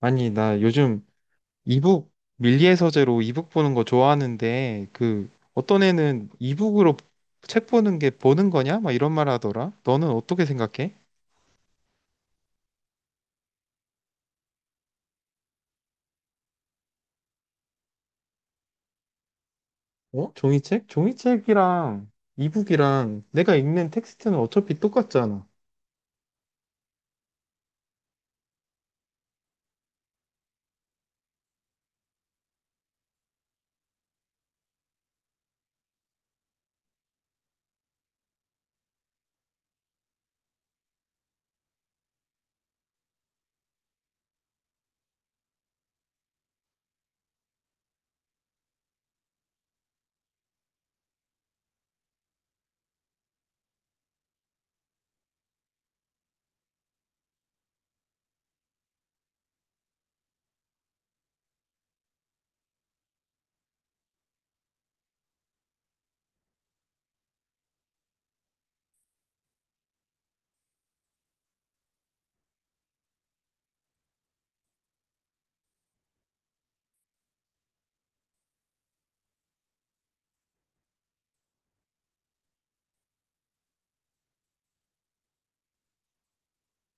아니, 나 요즘 이북 밀리의 서재로 이북 보는 거 좋아하는데 그 어떤 애는 이북으로 책 보는 게 보는 거냐? 막 이런 말 하더라. 너는 어떻게 생각해? 어? 종이책? 종이책이랑 이북이랑 내가 읽는 텍스트는 어차피 똑같잖아.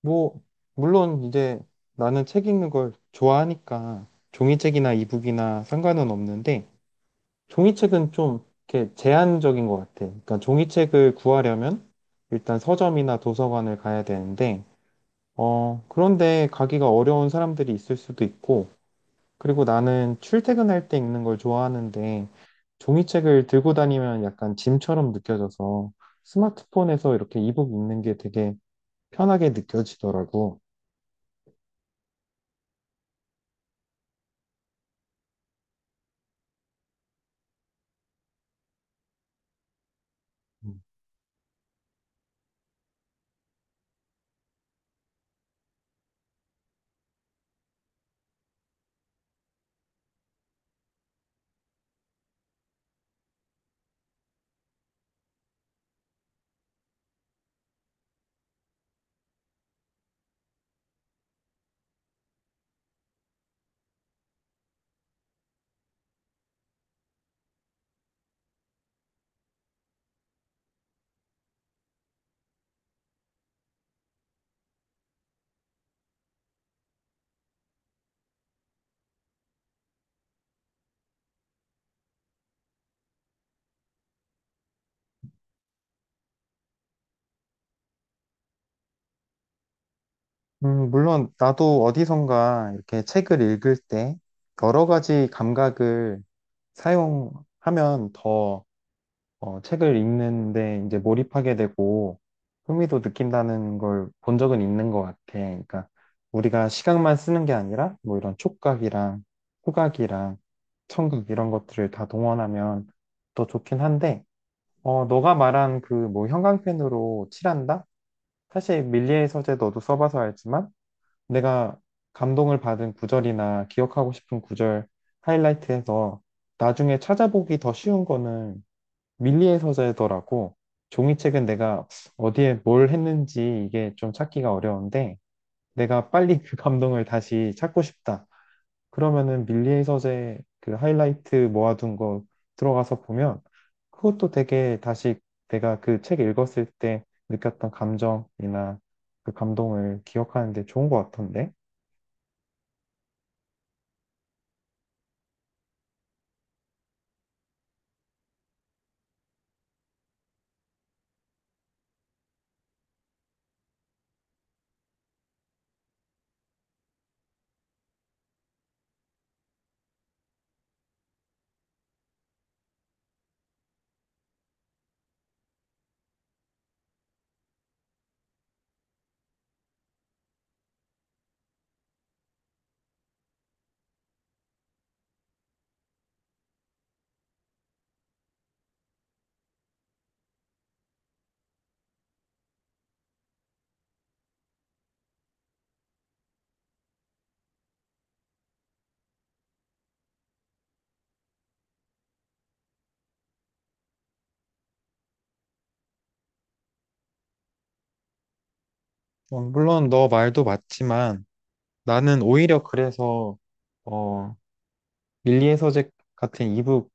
뭐 물론 이제 나는 책 읽는 걸 좋아하니까 종이책이나 이북이나 상관은 없는데 종이책은 좀 이렇게 제한적인 것 같아. 그러니까 종이책을 구하려면 일단 서점이나 도서관을 가야 되는데, 그런데 가기가 어려운 사람들이 있을 수도 있고, 그리고 나는 출퇴근할 때 읽는 걸 좋아하는데, 종이책을 들고 다니면 약간 짐처럼 느껴져서 스마트폰에서 이렇게 이북 읽는 게 되게 편하게 느껴지더라고. 물론 나도 어디선가 이렇게 책을 읽을 때 여러 가지 감각을 사용하면 더 책을 읽는데 이제 몰입하게 되고 흥미도 느낀다는 걸 본 적은 있는 것 같아. 그러니까 우리가 시각만 쓰는 게 아니라 뭐 이런 촉각이랑 후각이랑 청각 이런 것들을 다 동원하면 더 좋긴 한데 너가 말한 그 뭐 형광펜으로 칠한다? 사실 밀리의 서재 너도 써봐서 알지만 내가 감동을 받은 구절이나 기억하고 싶은 구절 하이라이트해서 나중에 찾아보기 더 쉬운 거는 밀리의 서재더라고. 종이책은 내가 어디에 뭘 했는지 이게 좀 찾기가 어려운데 내가 빨리 그 감동을 다시 찾고 싶다. 그러면은 밀리의 서재 그 하이라이트 모아둔 거 들어가서 보면 그것도 되게 다시 내가 그 책 읽었을 때 느꼈던 감정이나 그 감동을 기억하는데 좋은 것 같던데. 물론 너 말도 맞지만 나는 오히려 그래서 어, 밀리의 서재 같은 이북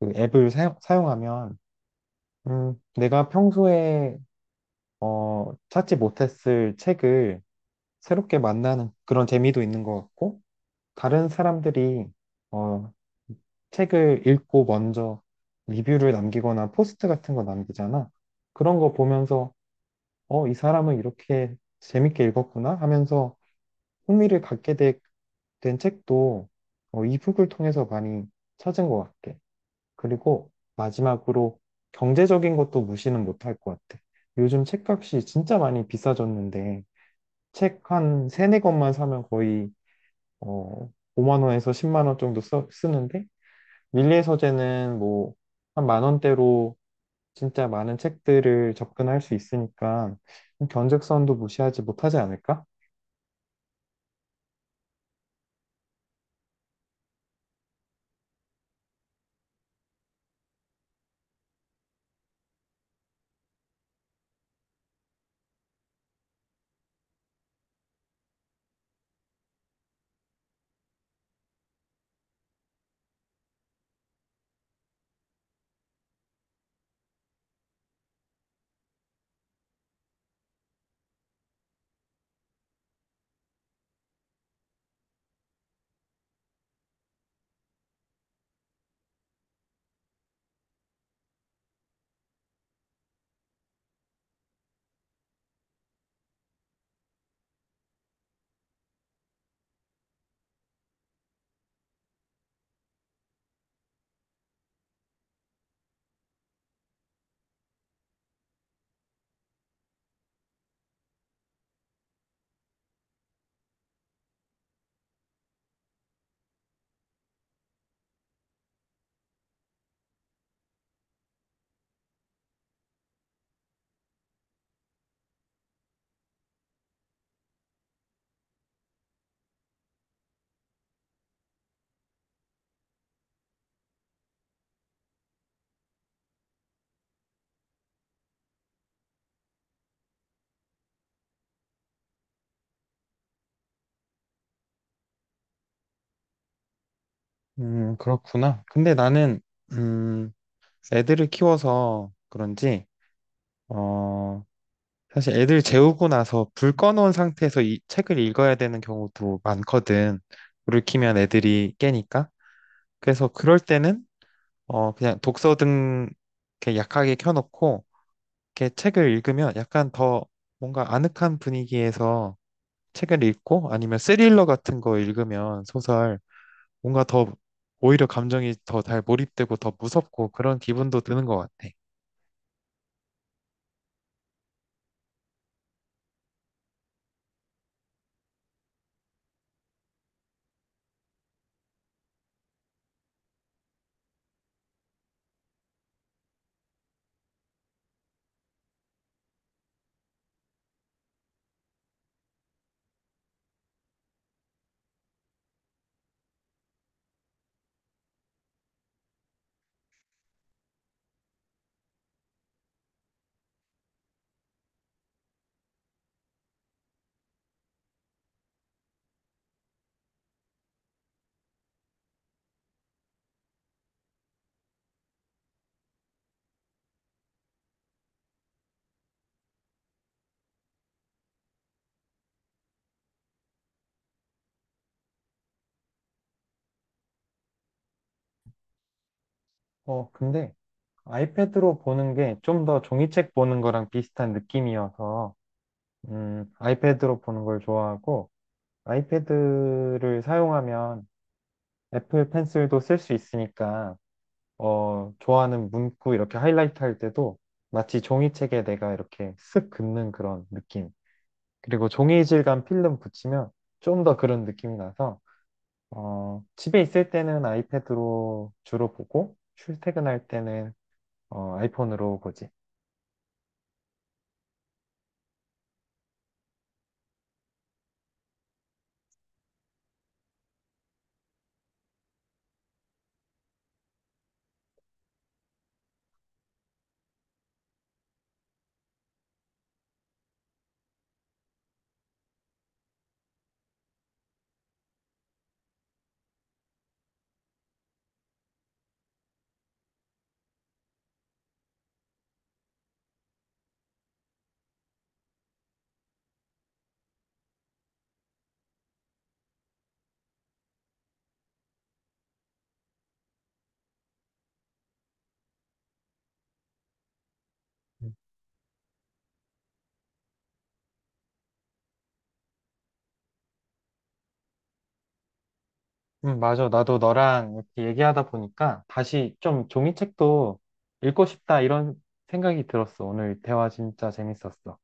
그 앱을 사용하면 내가 평소에 찾지 못했을 책을 새롭게 만나는 그런 재미도 있는 것 같고 다른 사람들이 어, 책을 읽고 먼저 리뷰를 남기거나 포스트 같은 거 남기잖아. 그런 거 보면서 어, 이 사람은 이렇게 재밌게 읽었구나 하면서 흥미를 갖게 된 책도 이북을 통해서 많이 찾은 것 같아. 그리고 마지막으로 경제적인 것도 무시는 못할 것 같아. 요즘 책값이 진짜 많이 비싸졌는데 책 한 세네 권만 사면 거의 어, 5만 원에서 10만 원 정도 쓰는데 밀리의 서재는 뭐 한 만 원대로 진짜 많은 책들을 접근할 수 있으니까 견적선도 무시하지 못하지 않을까? 그렇구나. 근데 나는 음, 애들을 키워서 그런지, 어, 사실 애들 재우고 나서 불 꺼놓은 상태에서 이 책을 읽어야 되는 경우도 많거든. 불을 켜면 애들이 깨니까. 그래서 그럴 때는, 그냥 독서등 이렇게 약하게 켜놓고, 이렇게 책을 읽으면 약간 더 뭔가 아늑한 분위기에서 책을 읽고 아니면 스릴러 같은 거 읽으면 소설 뭔가 더 오히려 감정이 더 잘 몰입되고 더 무섭고 그런 기분도 드는 것 같아. 근데 아이패드로 보는 게 좀 더 종이책 보는 거랑 비슷한 느낌이어서, 아이패드로 보는 걸 좋아하고, 아이패드를 사용하면 애플 펜슬도 쓸 수 있으니까, 좋아하는 문구 이렇게 하이라이트 할 때도 마치 종이책에 내가 이렇게 쓱 긋는 그런 느낌. 그리고 종이 질감 필름 붙이면 좀 더 그런 느낌이 나서, 집에 있을 때는 아이패드로 주로 보고, 출퇴근할 때는 아이폰으로 보지. 맞아. 나도 너랑 이렇게 얘기하다 보니까 다시 좀 종이책도 읽고 싶다 이런 생각이 들었어. 오늘 대화 진짜 재밌었어.